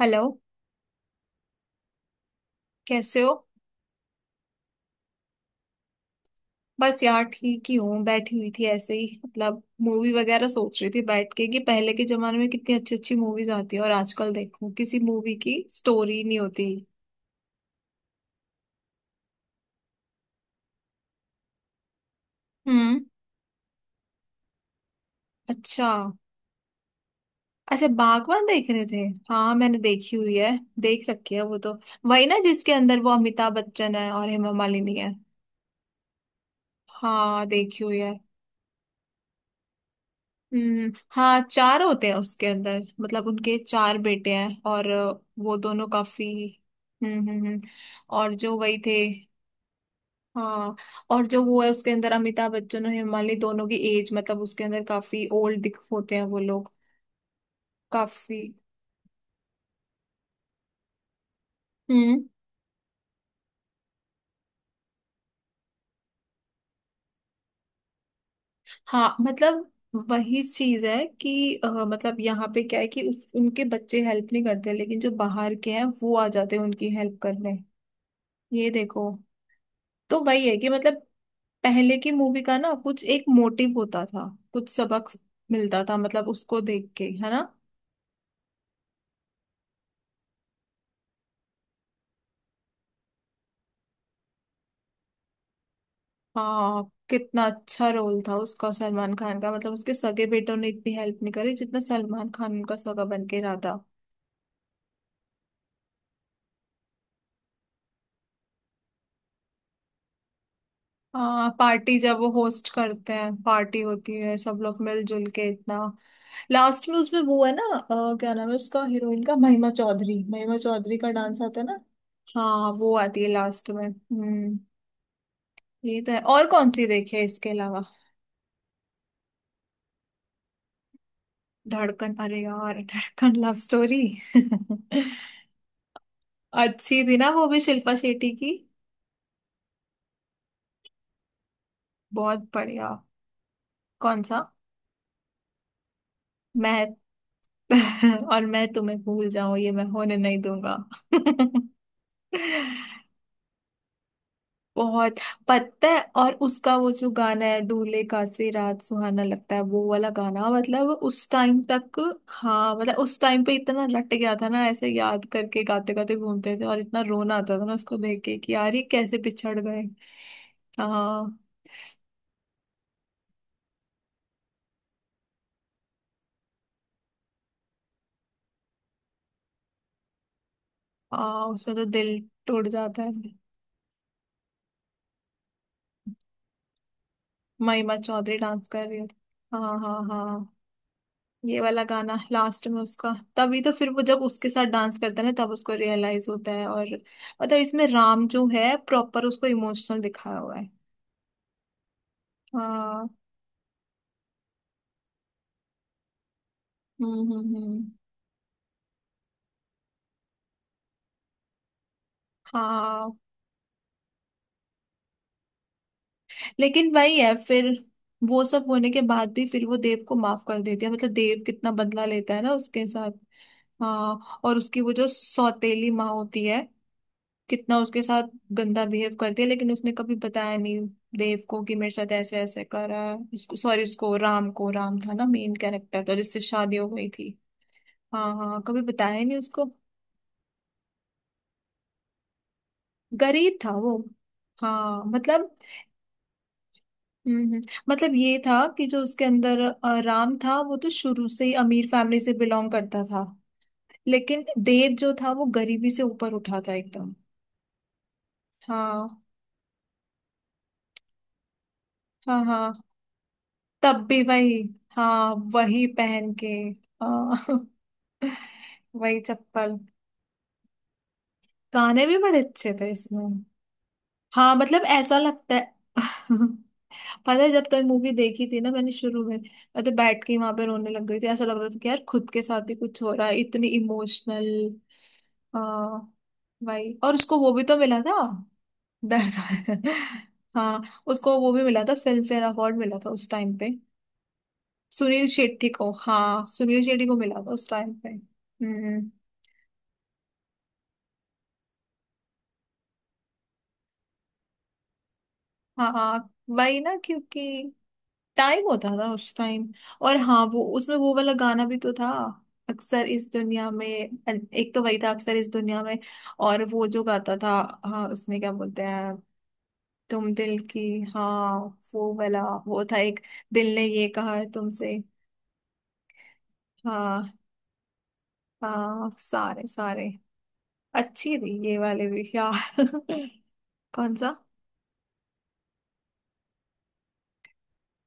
Hello. कैसे हो। बस यार ठीक ही हूँ। बैठी हुई थी ऐसे ही, मतलब मूवी वगैरह सोच रही थी बैठ के कि पहले के जमाने में कितनी अच्छी अच्छी मूवीज आती है और आजकल देखो किसी मूवी की स्टोरी नहीं होती। हम्म। अच्छा। अच्छा बागवान देख रहे थे। हाँ मैंने देखी हुई है। देख रखी है वो तो। वही ना जिसके अंदर वो अमिताभ बच्चन है और हेमा मालिनी है। हाँ देखी हुई है। हम्म। हाँ चार होते हैं उसके अंदर मतलब उनके चार बेटे हैं। और वो दोनों काफी। हम्म। और जो वही थे। हाँ। और जो वो है उसके अंदर अमिताभ बच्चन और हेमाली दोनों की एज मतलब उसके अंदर काफी ओल्ड दिख होते हैं वो लोग। काफी। हम्म। हाँ मतलब वही चीज है कि मतलब यहाँ पे क्या है कि उनके बच्चे हेल्प नहीं करते लेकिन जो बाहर के हैं वो आ जाते हैं उनकी हेल्प करने। ये देखो। तो वही है कि मतलब पहले की मूवी का ना कुछ एक मोटिव होता था। कुछ सबक मिलता था मतलब उसको देख के है ना। हाँ। कितना अच्छा रोल था उसका सलमान खान का मतलब उसके सगे बेटों ने इतनी हेल्प नहीं करी जितना सलमान खान उनका सगा बन के रहा था। हाँ पार्टी जब वो होस्ट करते हैं पार्टी होती है सब लोग मिलजुल के इतना। लास्ट में उसमें वो है ना, क्या नाम है उसका हीरोइन का, महिमा चौधरी। महिमा चौधरी का डांस आता है ना। हाँ वो आती है लास्ट में। हम्म। ये तो है। और कौन सी देखी है इसके अलावा। धड़कन, अरे यार धड़कन लव स्टोरी। अच्छी थी ना वो भी शिल्पा शेट्टी की। बहुत बढ़िया। कौन सा। मैं और मैं तुम्हें भूल जाऊं ये मैं होने नहीं दूंगा। बहुत। पता है और उसका वो जो गाना है दूल्हे का से रात सुहाना लगता है वो वाला गाना मतलब उस टाइम तक। हाँ मतलब उस टाइम पे इतना रट गया था ना ऐसे याद करके गाते गाते घूमते थे और इतना रोना आता था ना उसको देख के कि यार ये कैसे पिछड़ गए। हाँ। हाँ उसमें तो दिल टूट जाता है। महिमा चौधरी डांस कर रही है। हाँ हाँ हाँ। ये वाला गाना लास्ट में उसका। तभी तो फिर वो जब उसके साथ डांस करता है ना तब उसको रियलाइज होता है और मतलब इसमें राम जो है प्रॉपर उसको इमोशनल दिखाया हुआ है। हाँ। हम्म। हाँ लेकिन वही है फिर, वो सब होने के बाद भी फिर वो देव को माफ कर देती है मतलब देव कितना बदला लेता है ना उसके साथ। हाँ और उसकी वो जो सौतेली माँ होती है कितना उसके साथ गंदा बिहेव करती है लेकिन उसने कभी बताया नहीं देव को कि मेरे साथ ऐसे ऐसे करा है। उसको सॉरी, उसको राम को, राम था ना मेन कैरेक्टर था जिससे शादी हो गई थी। हाँ हाँ हाँ, कभी बताया नहीं उसको। गरीब था वो। हाँ मतलब। हम्म हम्म, मतलब ये था कि जो उसके अंदर राम था वो तो शुरू से ही अमीर फैमिली से बिलोंग करता था। लेकिन देव जो था वो गरीबी से ऊपर उठा था एकदम। हाँ हाँ हाँ। तब भी वही। हाँ वही पहन के। हाँ वही चप्पल। गाने भी बड़े अच्छे थे इसमें। हाँ मतलब ऐसा लगता है पता है जब तक मूवी देखी थी ना मैंने शुरू में मैं तो बैठ के ही वहां पे रोने लग गई थी। ऐसा लग रहा था कि यार खुद के साथ ही कुछ हो रहा है इतनी इमोशनल। हाँ। भाई और उसको वो भी तो मिला था। दर्द हाँ। उसको वो भी मिला था फिल्म फेयर अवार्ड मिला था उस टाइम पे। सुनील शेट्टी को, हाँ सुनील शेट्टी को मिला था उस टाइम पे। हम्म। हाँ वही ना, क्योंकि टाइम होता था उस टाइम। और हाँ वो उसमें वो वाला गाना भी तो था अक्सर इस दुनिया में। एक तो वही था अक्सर इस दुनिया में। और वो जो गाता था। हाँ उसमें क्या बोलते हैं। तुम दिल की, हाँ। वो वाला। वो था एक, दिल ने ये कहा है तुमसे। हाँ। हाँ सारे सारे अच्छी थी ये वाले भी यार कौन सा।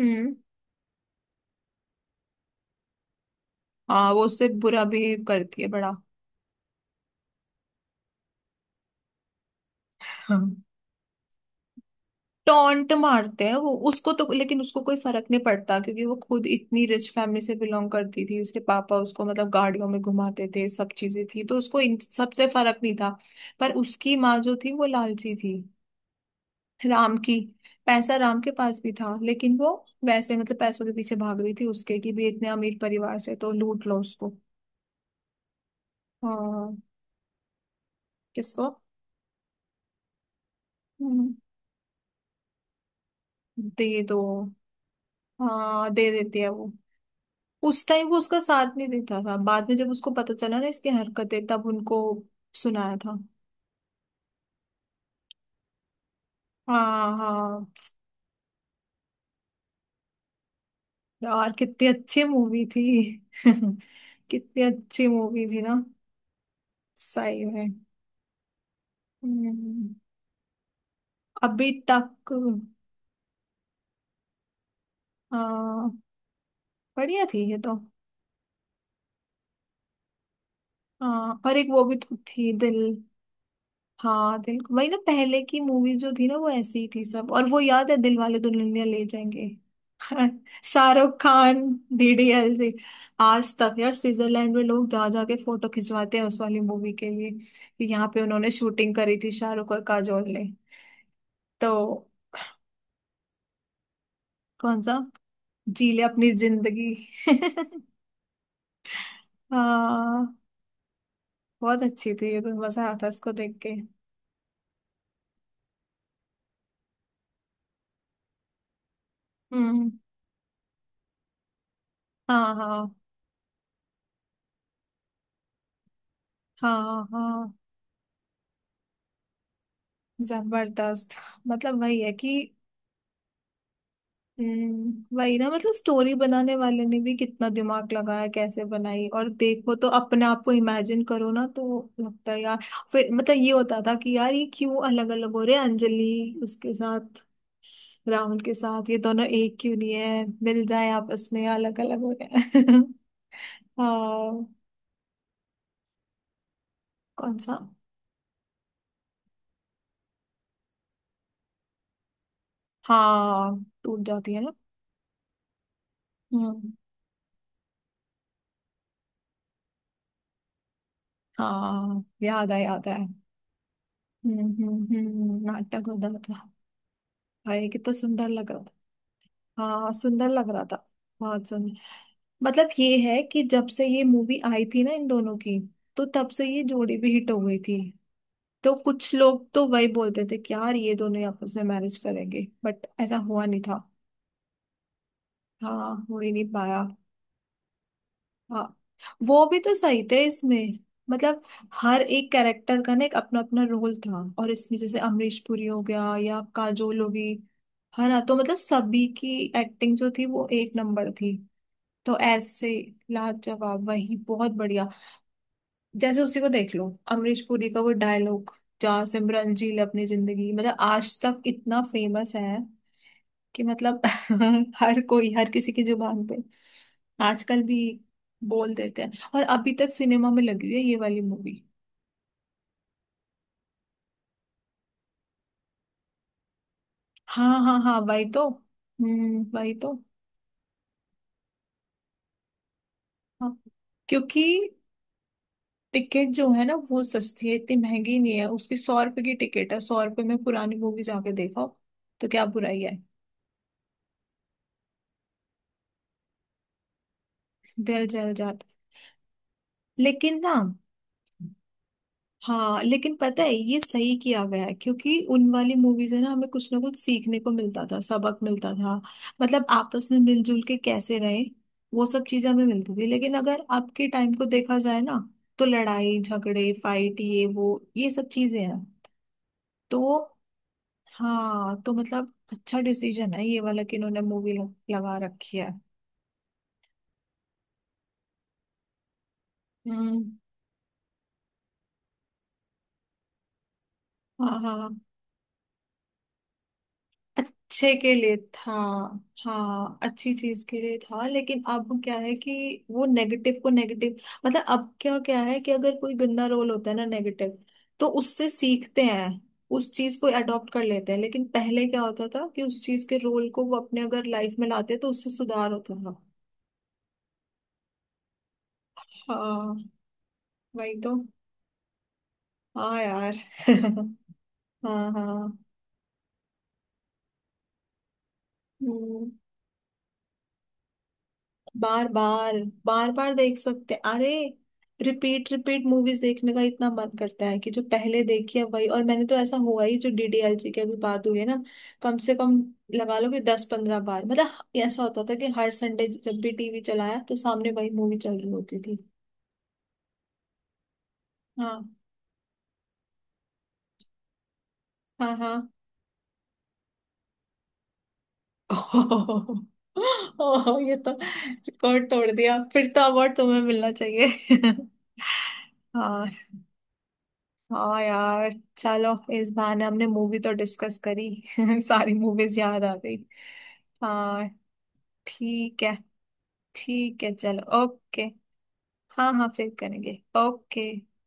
हम्म। हाँ वो उससे बुरा बिहेव करती है बड़ा। टॉन्ट मारते हैं वो उसको तो, लेकिन उसको कोई फर्क नहीं पड़ता क्योंकि वो खुद इतनी रिच फैमिली से बिलोंग करती थी। उसके पापा उसको मतलब गाड़ियों में घुमाते थे, सब चीजें थी तो उसको इन सबसे फर्क नहीं था। पर उसकी माँ जो थी वो लालची थी, राम की। पैसा राम के पास भी था लेकिन वो वैसे मतलब पैसों के पीछे भाग रही थी उसके कि भी इतने अमीर परिवार से तो लूट लो उसको। हाँ। किसको। हम्म, दे दो। हाँ दे देती है वो। उस टाइम वो उसका साथ नहीं देता था, बाद में जब उसको पता चला ना इसकी हरकतें तब उनको सुनाया था। हाँ हाँ। यार कितनी अच्छी मूवी थी। कितनी अच्छी मूवी थी ना, सही में। हम्म, अभी तक। हाँ बढ़िया थी ये तो। हाँ और एक वो भी तो थी दिल। हाँ दिल, वही ना पहले की मूवीज जो थी ना वो ऐसी ही थी सब। और वो याद है दिल वाले दुल्हनिया ले जाएंगे। हाँ, शाहरुख खान। डीडीएलजे। आज तक यार स्विट्जरलैंड में लोग जा जा के फोटो खिंचवाते हैं उस वाली मूवी के लिए कि यहाँ पे उन्होंने शूटिंग करी थी शाहरुख और काजोल ने। तो कौन सा। जी ले अपनी जिंदगी। हाँ। बहुत अच्छी थी ये तो, मजा आया था इसको देख के। हम्म। हाँ हाँ। हाँ हाँ। जबरदस्त। मतलब वही है कि हम्म, वही ना मतलब स्टोरी बनाने वाले ने भी कितना दिमाग लगाया कैसे बनाई। और देखो तो अपने आप को इमेजिन करो ना तो लगता है यार। फिर मतलब ये होता था कि यार ये क्यों अलग अलग हो रहे हैं, अंजलि उसके साथ राहुल के साथ, ये दोनों एक क्यों नहीं है, मिल जाए आपस में, अलग अलग हो रहे हैं। हाँ। कौन सा। हाँ टूट जाती है ना। हम्म। हाँ याद आया याद आया। हम्म। नाटक होता था। भाई कितना सुंदर लग रहा। हाँ सुंदर लग रहा था। बहुत सुंदर। मतलब ये है कि जब से ये मूवी आई थी ना इन दोनों की तो तब से ये जोड़ी भी हिट हो गई थी। तो कुछ लोग तो वही बोलते थे कि यार ये दोनों ही आपस में मैरिज करेंगे बट ऐसा हुआ नहीं था। हाँ हो ही नहीं पाया। हाँ वो भी तो सही थे इसमें मतलब हर एक कैरेक्टर का ना एक अपना अपना रोल था। और इसमें जैसे अमरीश पुरी हो गया या काजोल होगी, है ना, तो मतलब सभी की एक्टिंग जो थी वो एक नंबर थी। तो ऐसे लाजवाब, वही बहुत बढ़िया। जैसे उसी को देख लो, अमरीश पुरी का वो डायलॉग जहाँ सिमरन जी अपनी जिंदगी, मतलब आज तक इतना फेमस है कि मतलब हर कोई, हर किसी की जुबान पे आजकल भी बोल देते हैं। और अभी तक सिनेमा में लगी हुई है ये वाली मूवी। हाँ हाँ हाँ, वही तो। हम्म, वही तो। हाँ क्योंकि टिकट जो है ना वो सस्ती है, इतनी महंगी नहीं है उसकी। 100 रुपए की टिकट है, 100 रुपए में पुरानी मूवी जाके देखो तो क्या बुराई है। दिल जल जाता है। लेकिन ना, हाँ लेकिन पता है ये सही किया गया है क्योंकि उन वाली मूवीज है ना हमें कुछ ना कुछ सीखने को मिलता था, सबक मिलता था। मतलब आपस में मिलजुल के कैसे रहे, वो सब चीजें हमें मिलती थी। लेकिन अगर अब के टाइम को देखा जाए ना तो लड़ाई झगड़े फाइट ये वो, ये सब चीजें हैं। तो, हाँ, तो मतलब अच्छा डिसीजन है ये वाला कि इन्होंने मूवी लगा रखी है। हम्म। हाँ हाँ। अच्छे के लिए था। हाँ अच्छी चीज के लिए था लेकिन अब क्या है कि वो नेगेटिव को नेगेटिव, मतलब अब क्या क्या है कि अगर कोई गंदा रोल होता है ना नेगेटिव, तो उससे सीखते हैं, उस चीज को अडॉप्ट कर लेते हैं। लेकिन पहले क्या होता था कि उस चीज के रोल को वो अपने अगर लाइफ में लाते तो उससे सुधार होता था। हाँ वही तो। हाँ यार हाँ हाँ। हम्म। बार बार। बार बार देख सकते, अरे रिपीट रिपीट मूवीज देखने का इतना मन करता है कि जो पहले देखी है वही। और मैंने तो ऐसा हुआ ही, जो डीडीएलजे की अभी बात हुई है ना, कम से कम लगा लो कि 10-15 बार, मतलब ऐसा होता था कि हर संडे जब भी टीवी चलाया तो सामने वही मूवी चल रही होती थी। हाँ हाँ हाँ। ओह ये तो रिकॉर्ड तोड़ दिया, फिर तो अवार्ड तुम्हें मिलना चाहिए। हाँ हाँ यार चलो, इस बहाने हमने मूवी तो डिस्कस करी। सारी मूवीज याद आ गई। हाँ ठीक है। ठीक है चलो ओके। हाँ हाँ फिर करेंगे। ओके।